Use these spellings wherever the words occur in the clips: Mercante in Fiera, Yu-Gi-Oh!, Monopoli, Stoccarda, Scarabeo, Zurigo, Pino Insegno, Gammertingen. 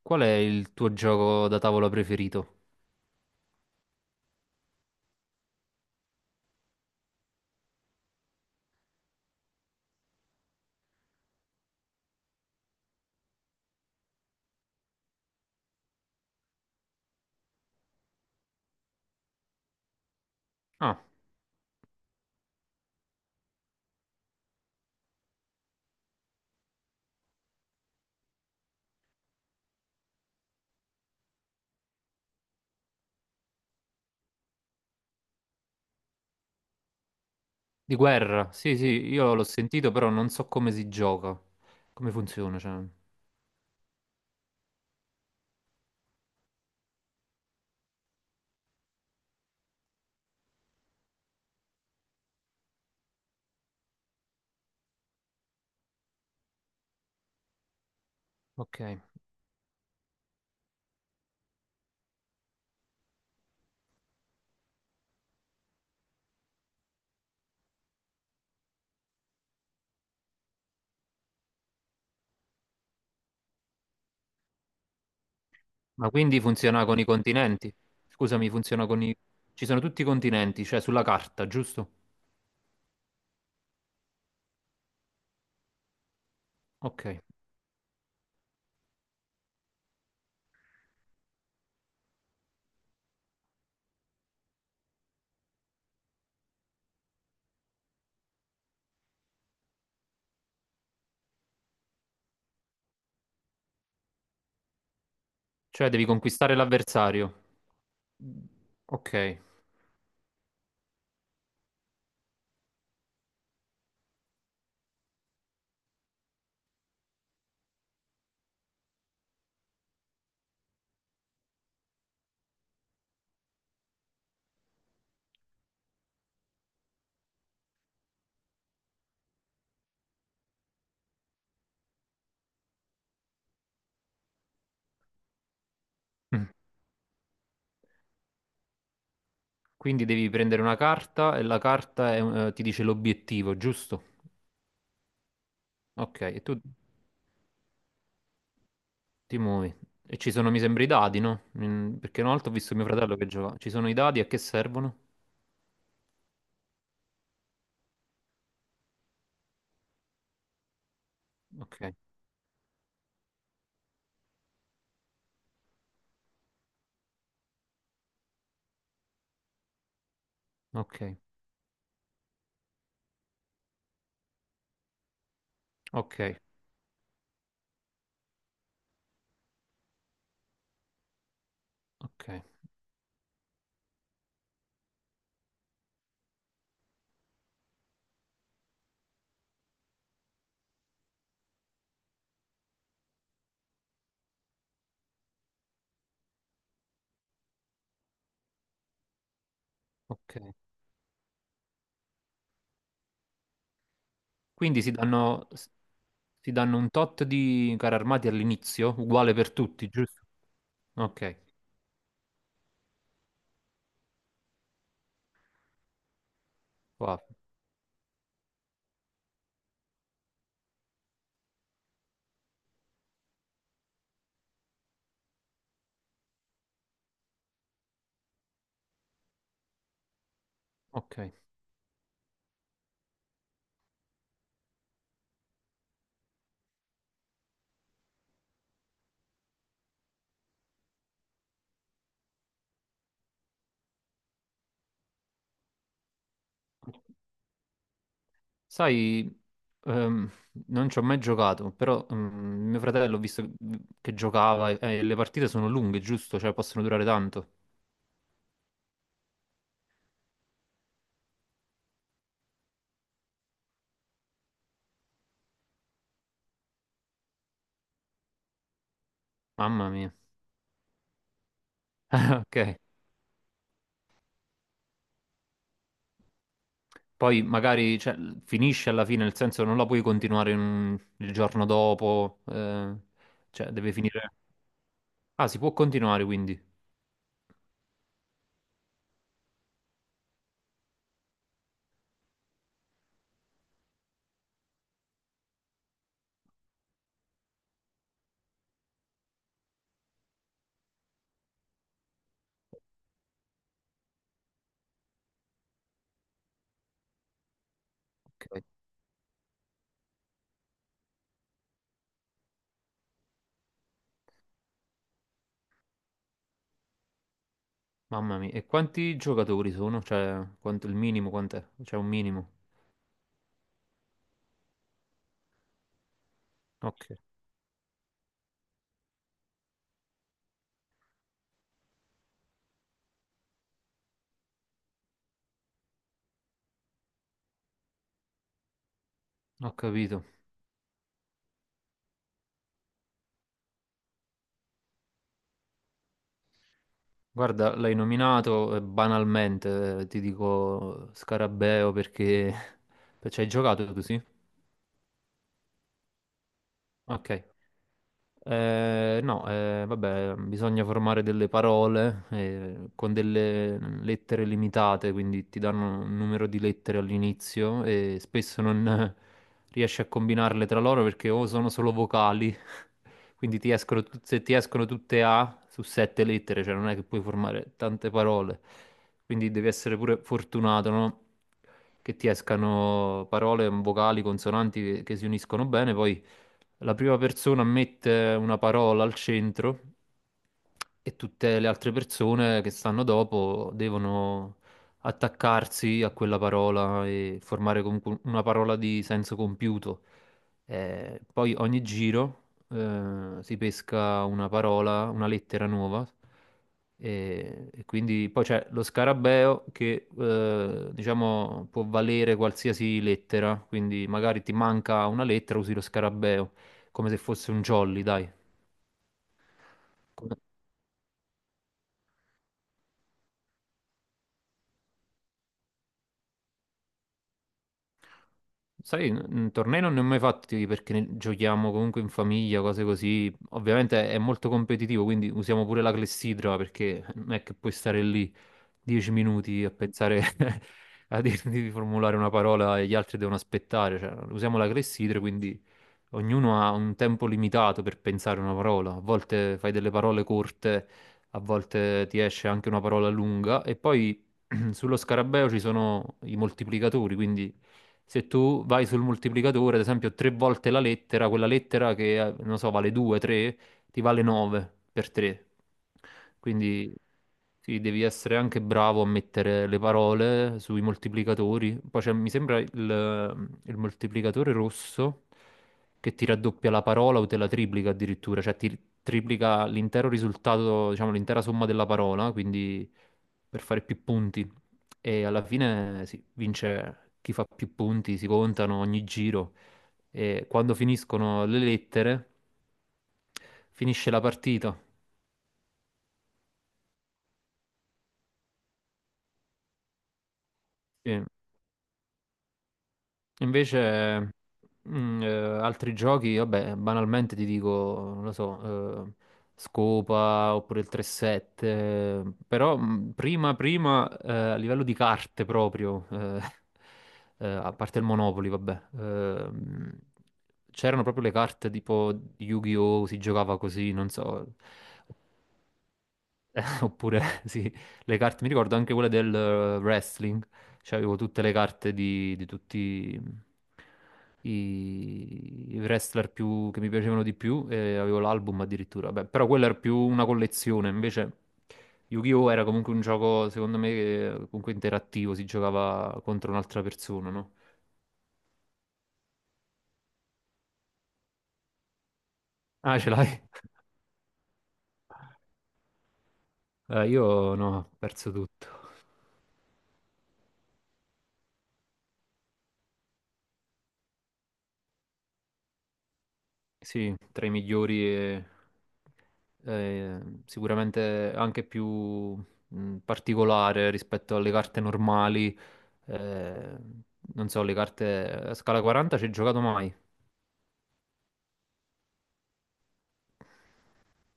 Qual è il tuo gioco da tavola preferito? Ah, di guerra. Sì, sì, io l'ho sentito, però non so come si gioca, come funziona, cioè. Ok. Ma quindi funziona con i continenti? Scusami, funziona con i... Ci sono tutti i continenti, cioè sulla carta, giusto? Ok. Cioè devi conquistare l'avversario. Ok. Mm. Quindi devi prendere una carta e la carta è ti dice l'obiettivo, giusto? Ok, e tu Timui. E ci sono, mi sembra, i dadi, no? Mm. Perché una volta ho visto mio fratello che giocava. Ci sono i dadi a che servono? Ok, ok, ok, ok, ok. Quindi si danno un tot di carri armati all'inizio, uguale per tutti, giusto? Ok, wow, ok. Sai, ehm, non ci ho mai giocato, però mio fratello ho visto che giocava e le partite sono lunghe, giusto? Cioè possono durare tanto. Mamma mia. Ok. Poi magari cioè, finisce alla fine, nel senso non la puoi continuare in il giorno dopo, cioè deve finire. Ah, si può continuare quindi. Ok. Mamma mia, e quanti giocatori sono? Cioè, quanto, il minimo quant'è? C'è un minimo. Ok, ho capito. Guarda, l'hai nominato banalmente, ti dico Scarabeo perché... Ci hai giocato tu, sì? Ok. No, vabbè, bisogna formare delle parole con delle lettere limitate, quindi ti danno un numero di lettere all'inizio e spesso non riesci a combinarle tra loro perché o sono solo vocali, quindi ti escono, se ti escono tutte A su sette lettere, cioè non è che puoi formare tante parole, quindi devi essere pure fortunato, no? Che ti escano parole vocali, consonanti che si uniscono bene, poi la prima persona mette una parola al centro e tutte le altre persone che stanno dopo devono attaccarsi a quella parola e formare comunque una parola di senso compiuto. Poi ogni giro si pesca una parola, una lettera nuova. E quindi poi c'è lo scarabeo che diciamo può valere qualsiasi lettera, quindi magari ti manca una lettera, usi lo scarabeo come se fosse un jolly, dai. Come- Sai, tornei non ne ho mai fatti perché giochiamo comunque in famiglia, cose così. Ovviamente è molto competitivo, quindi usiamo pure la clessidra perché non è che puoi stare lì 10 minuti a pensare a di formulare una parola e gli altri devono aspettare. Cioè, usiamo la clessidra, quindi ognuno ha un tempo limitato per pensare una parola. A volte fai delle parole corte, a volte ti esce anche una parola lunga. E poi sullo scarabeo ci sono i moltiplicatori, quindi se tu vai sul moltiplicatore, ad esempio, tre volte la lettera, quella lettera che, non so, vale 2, 3, ti vale 9 per 3. Quindi sì, devi essere anche bravo a mettere le parole sui moltiplicatori. Poi c'è, mi sembra il moltiplicatore rosso che ti raddoppia la parola o te la triplica addirittura, cioè ti triplica l'intero risultato, diciamo l'intera somma della parola, quindi per fare più punti. E alla fine sì, vince chi fa più punti, si contano ogni giro e quando finiscono le lettere finisce la partita. Sì. Invece, altri giochi, vabbè, banalmente ti dico, non lo so, Scopa oppure il 3-7, però prima, a livello di carte proprio, a parte il Monopoli, vabbè, c'erano proprio le carte tipo di Yu-Gi-Oh! Si giocava così, non so. Oppure, sì, le carte, mi ricordo anche quelle del wrestling, cioè avevo tutte le carte di tutti i wrestler più, che mi piacevano di più e avevo l'album addirittura. Beh, però quella era più una collezione, invece Yu-Gi-Oh! Era comunque un gioco, secondo me, comunque interattivo, si giocava contro un'altra persona, no? Ah, ce l'hai? Io no, ho perso tutto. Sì, tra i migliori e eh, sicuramente anche più particolare rispetto alle carte normali. eh, Non so, le carte a scala 40 ci hai giocato mai?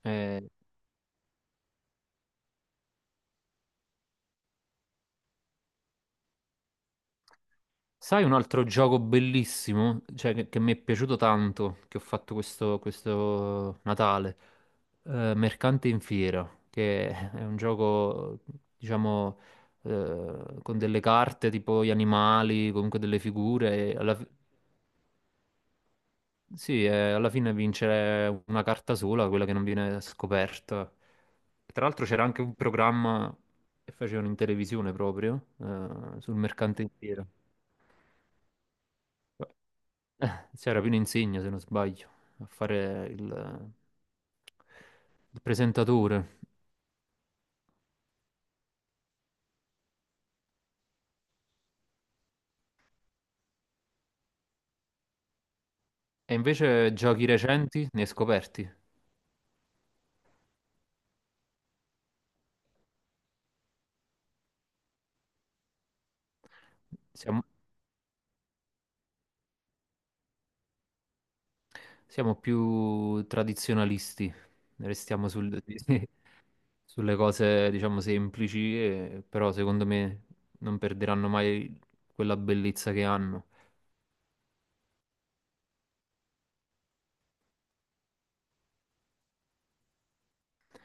Eh, Sai un altro gioco bellissimo, cioè che mi è piaciuto tanto, che ho fatto questo Natale? Mercante in Fiera, che è un gioco, diciamo, con delle carte tipo gli animali, comunque delle figure. Sì, alla fine vince una carta sola, quella che non viene scoperta. Tra l'altro c'era anche un programma che facevano in televisione proprio, sul Mercante in Fiera. Eh, C'era Pino Insegno, se non sbaglio, a fare il presentatore. E invece giochi recenti ne scoperti. Siamo, siamo più tradizionalisti, restiamo sulle cose, diciamo, semplici, però secondo me non perderanno mai quella bellezza che hanno.